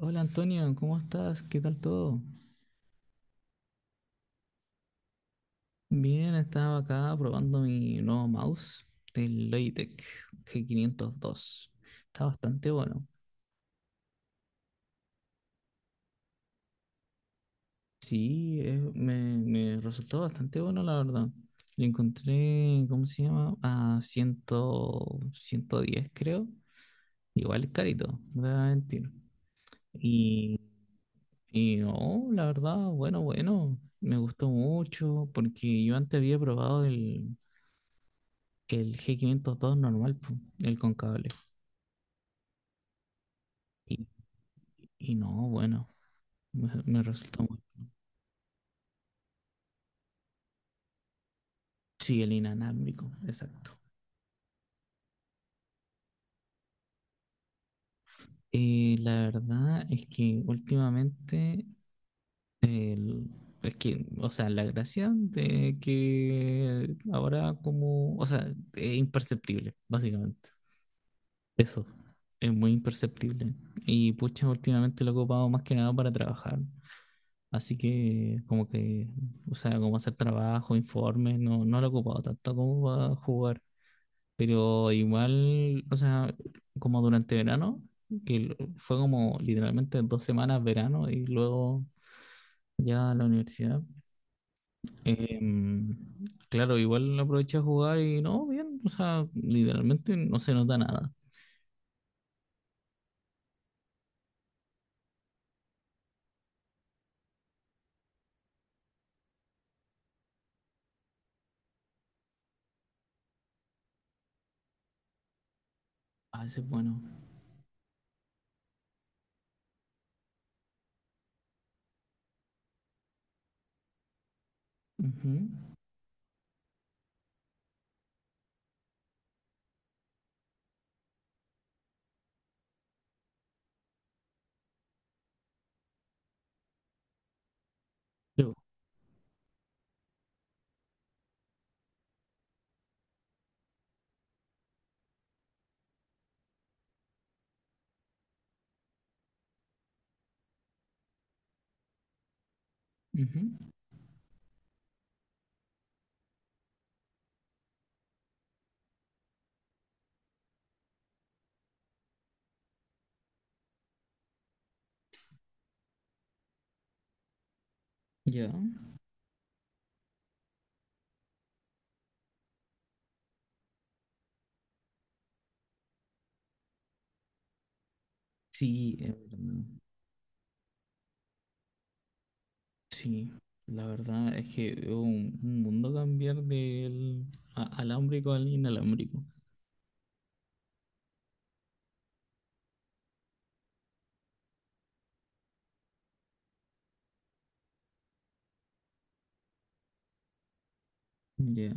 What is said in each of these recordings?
Hola Antonio, ¿cómo estás? ¿Qué tal todo? Bien, estaba acá probando mi nuevo mouse del Logitech G502. Está bastante bueno. Me resultó bastante bueno, la verdad. Le encontré, ¿cómo se llama? A 100, 110, creo. Igual es carito, no te voy a mentir. Y, y no, la verdad, bueno. Me gustó mucho porque yo antes había probado el g quinientos dos normal, po, el con cable. Y no, bueno, me resultó muy. Sí, el inalámbrico, exacto. La verdad es que últimamente, el- es que, o sea, la gracia de que ahora como, o sea, es imperceptible, básicamente. Eso, es muy imperceptible. Y pucha, últimamente lo he ocupado más que nada para trabajar. Así que como que, o sea, como hacer trabajo, informes, no, no lo he ocupado tanto como para jugar. Pero igual, o sea, como durante verano, fue como literalmente dos semanas verano y luego ya la universidad. em, claro, igual lo aproveché a jugar y no, bien, o sea, literalmente no se nota nada. A veces, bueno. Ujú. Pero ujú, ya. Sí, es verdad. Sí, la verdad es que es un mundo cambiar del alámbrico al inalámbrico. Ya,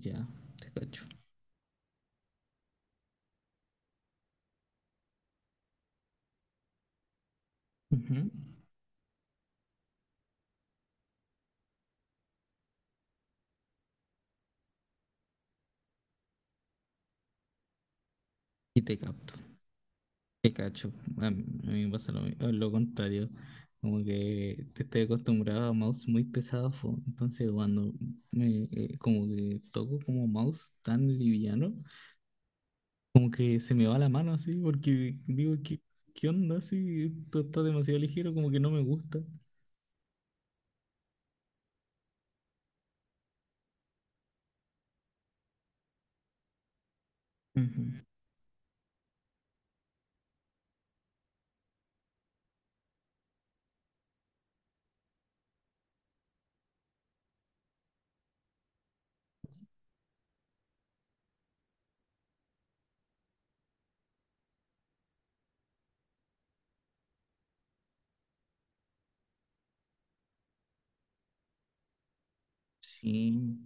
ya, te cacho. Ujú. Y te capto, te cacho. A mí me pasa lo contrario. Como que te estoy acostumbrado a mouse muy pesado, fo. Entonces cuando me, como que toco como mouse tan liviano, como que se me va la mano así, porque digo, ¿qué, qué onda? Así, esto está demasiado ligero, como que no me gusta. Ujú. Sí,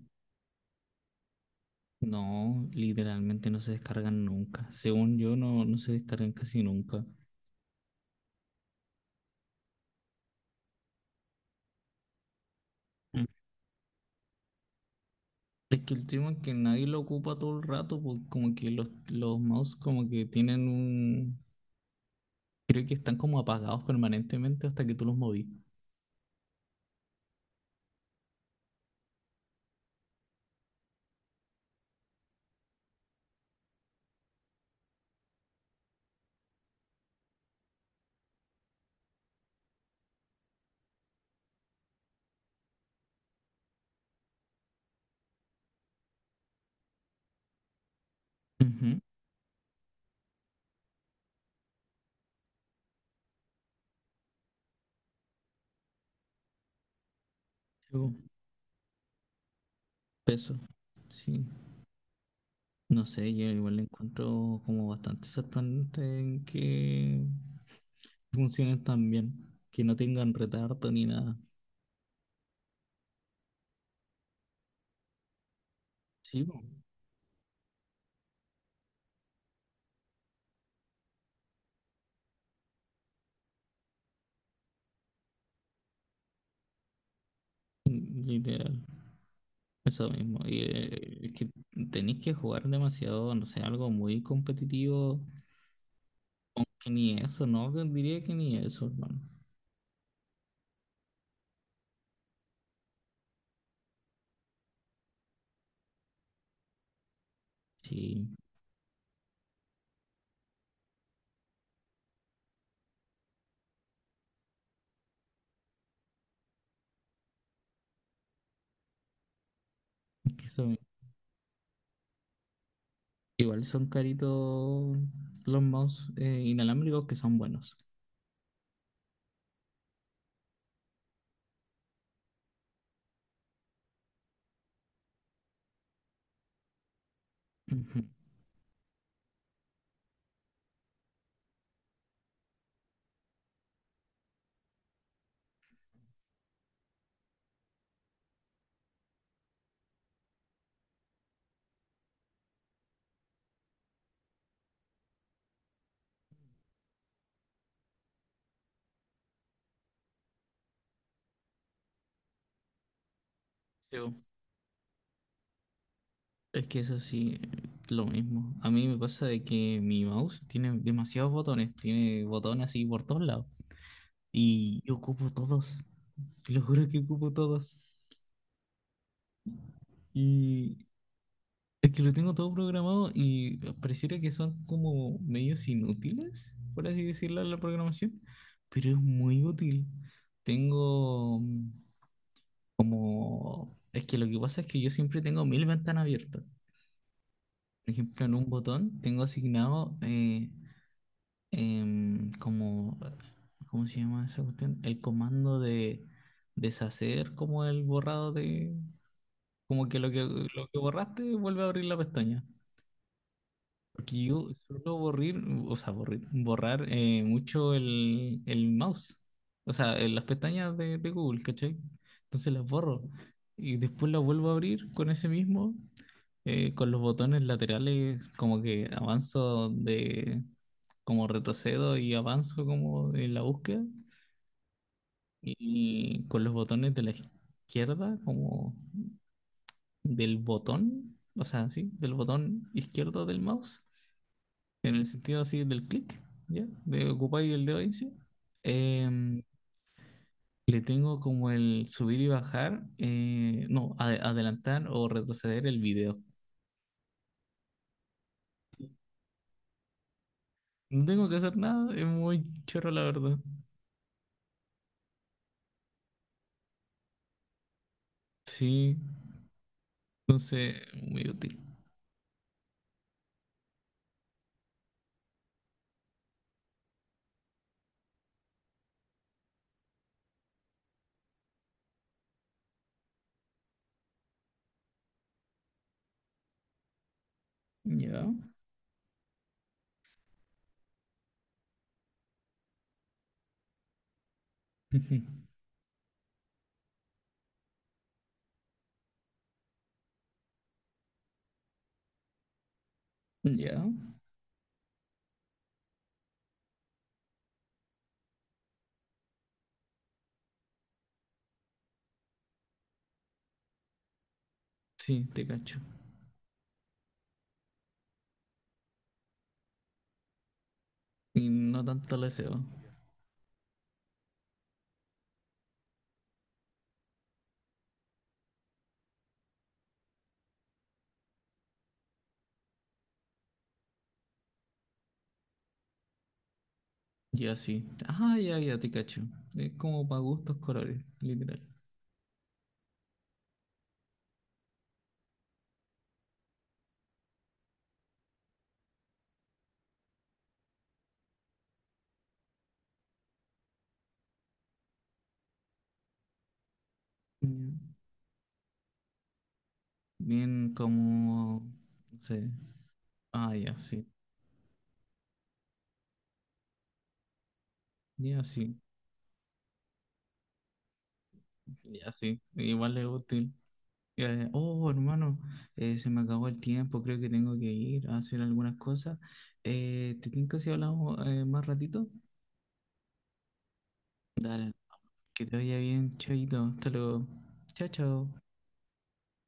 no, literalmente no se descargan nunca. Según yo, no, no se descargan casi nunca. Mm. Es que el tema es que nadie lo ocupa todo el rato, porque como que los mouse como que tienen un... Creo que están como apagados permanentemente hasta que tú los movís. Ujú. Yo, peso. Sí. No sé, yo igual lo encuentro como bastante sorprendente en que funcionen tan bien, que no tengan retardo ni nada. Sí, po, literal. Eso mismo, y, es que tenéis que jugar demasiado, no sé, algo muy competitivo, que ni eso, ¿no? Que diría que ni eso, hermano. Sí, es que eso, igual son caritos los mouse inalámbricos que son buenos. Ujú. Yo, es que eso sí, lo mismo. A mí me pasa de que mi mouse tiene demasiados botones, tiene botones así por todos lados, y yo ocupo todos, te lo juro que ocupo todos. Y es que lo tengo todo programado y pareciera que son como medios inútiles, por así decirlo, la programación, pero es muy útil. Tengo como... Es que lo que pasa es que yo siempre tengo mil ventanas abiertas. Por ejemplo, en un botón tengo asignado como... ¿Cómo se llama esa cuestión? El comando de deshacer como el borrado de... Como que lo que borraste vuelve a abrir la pestaña. Porque yo suelo borrir, o sea, borrar mucho el mouse, o sea, en las pestañas de Google, ¿cachai? Entonces las borro y después las vuelvo a abrir con ese mismo, con los botones laterales, como que avanzo de, como retrocedo y avanzo como en la búsqueda, y con los botones de la izquierda, como del botón, o sea, sí, del botón izquierdo del mouse en el sentido así del clic, ¿ya? De ocupar el dedo índice. Em, Le tengo como el subir y bajar, no, ade- adelantar o retroceder el video. No tengo que hacer nada, es muy chorro la verdad. Sí, entonces, muy útil. Ya, ya, sí, te cacho. Y no tanto el deseo. Ya sí. Ah, ya, ya, te cacho. Es como para gustos colores, literal. Ya. Bien como, no sé. Ah, ya, sí. Ya sí, ya sí, igual es útil. Oh, hermano, se me acabó el tiempo, creo que tengo que ir a hacer algunas cosas. ¿Te tinca si hablamos más ratito? Dale, que te vaya bien, chaito, hasta luego. Chao, chao.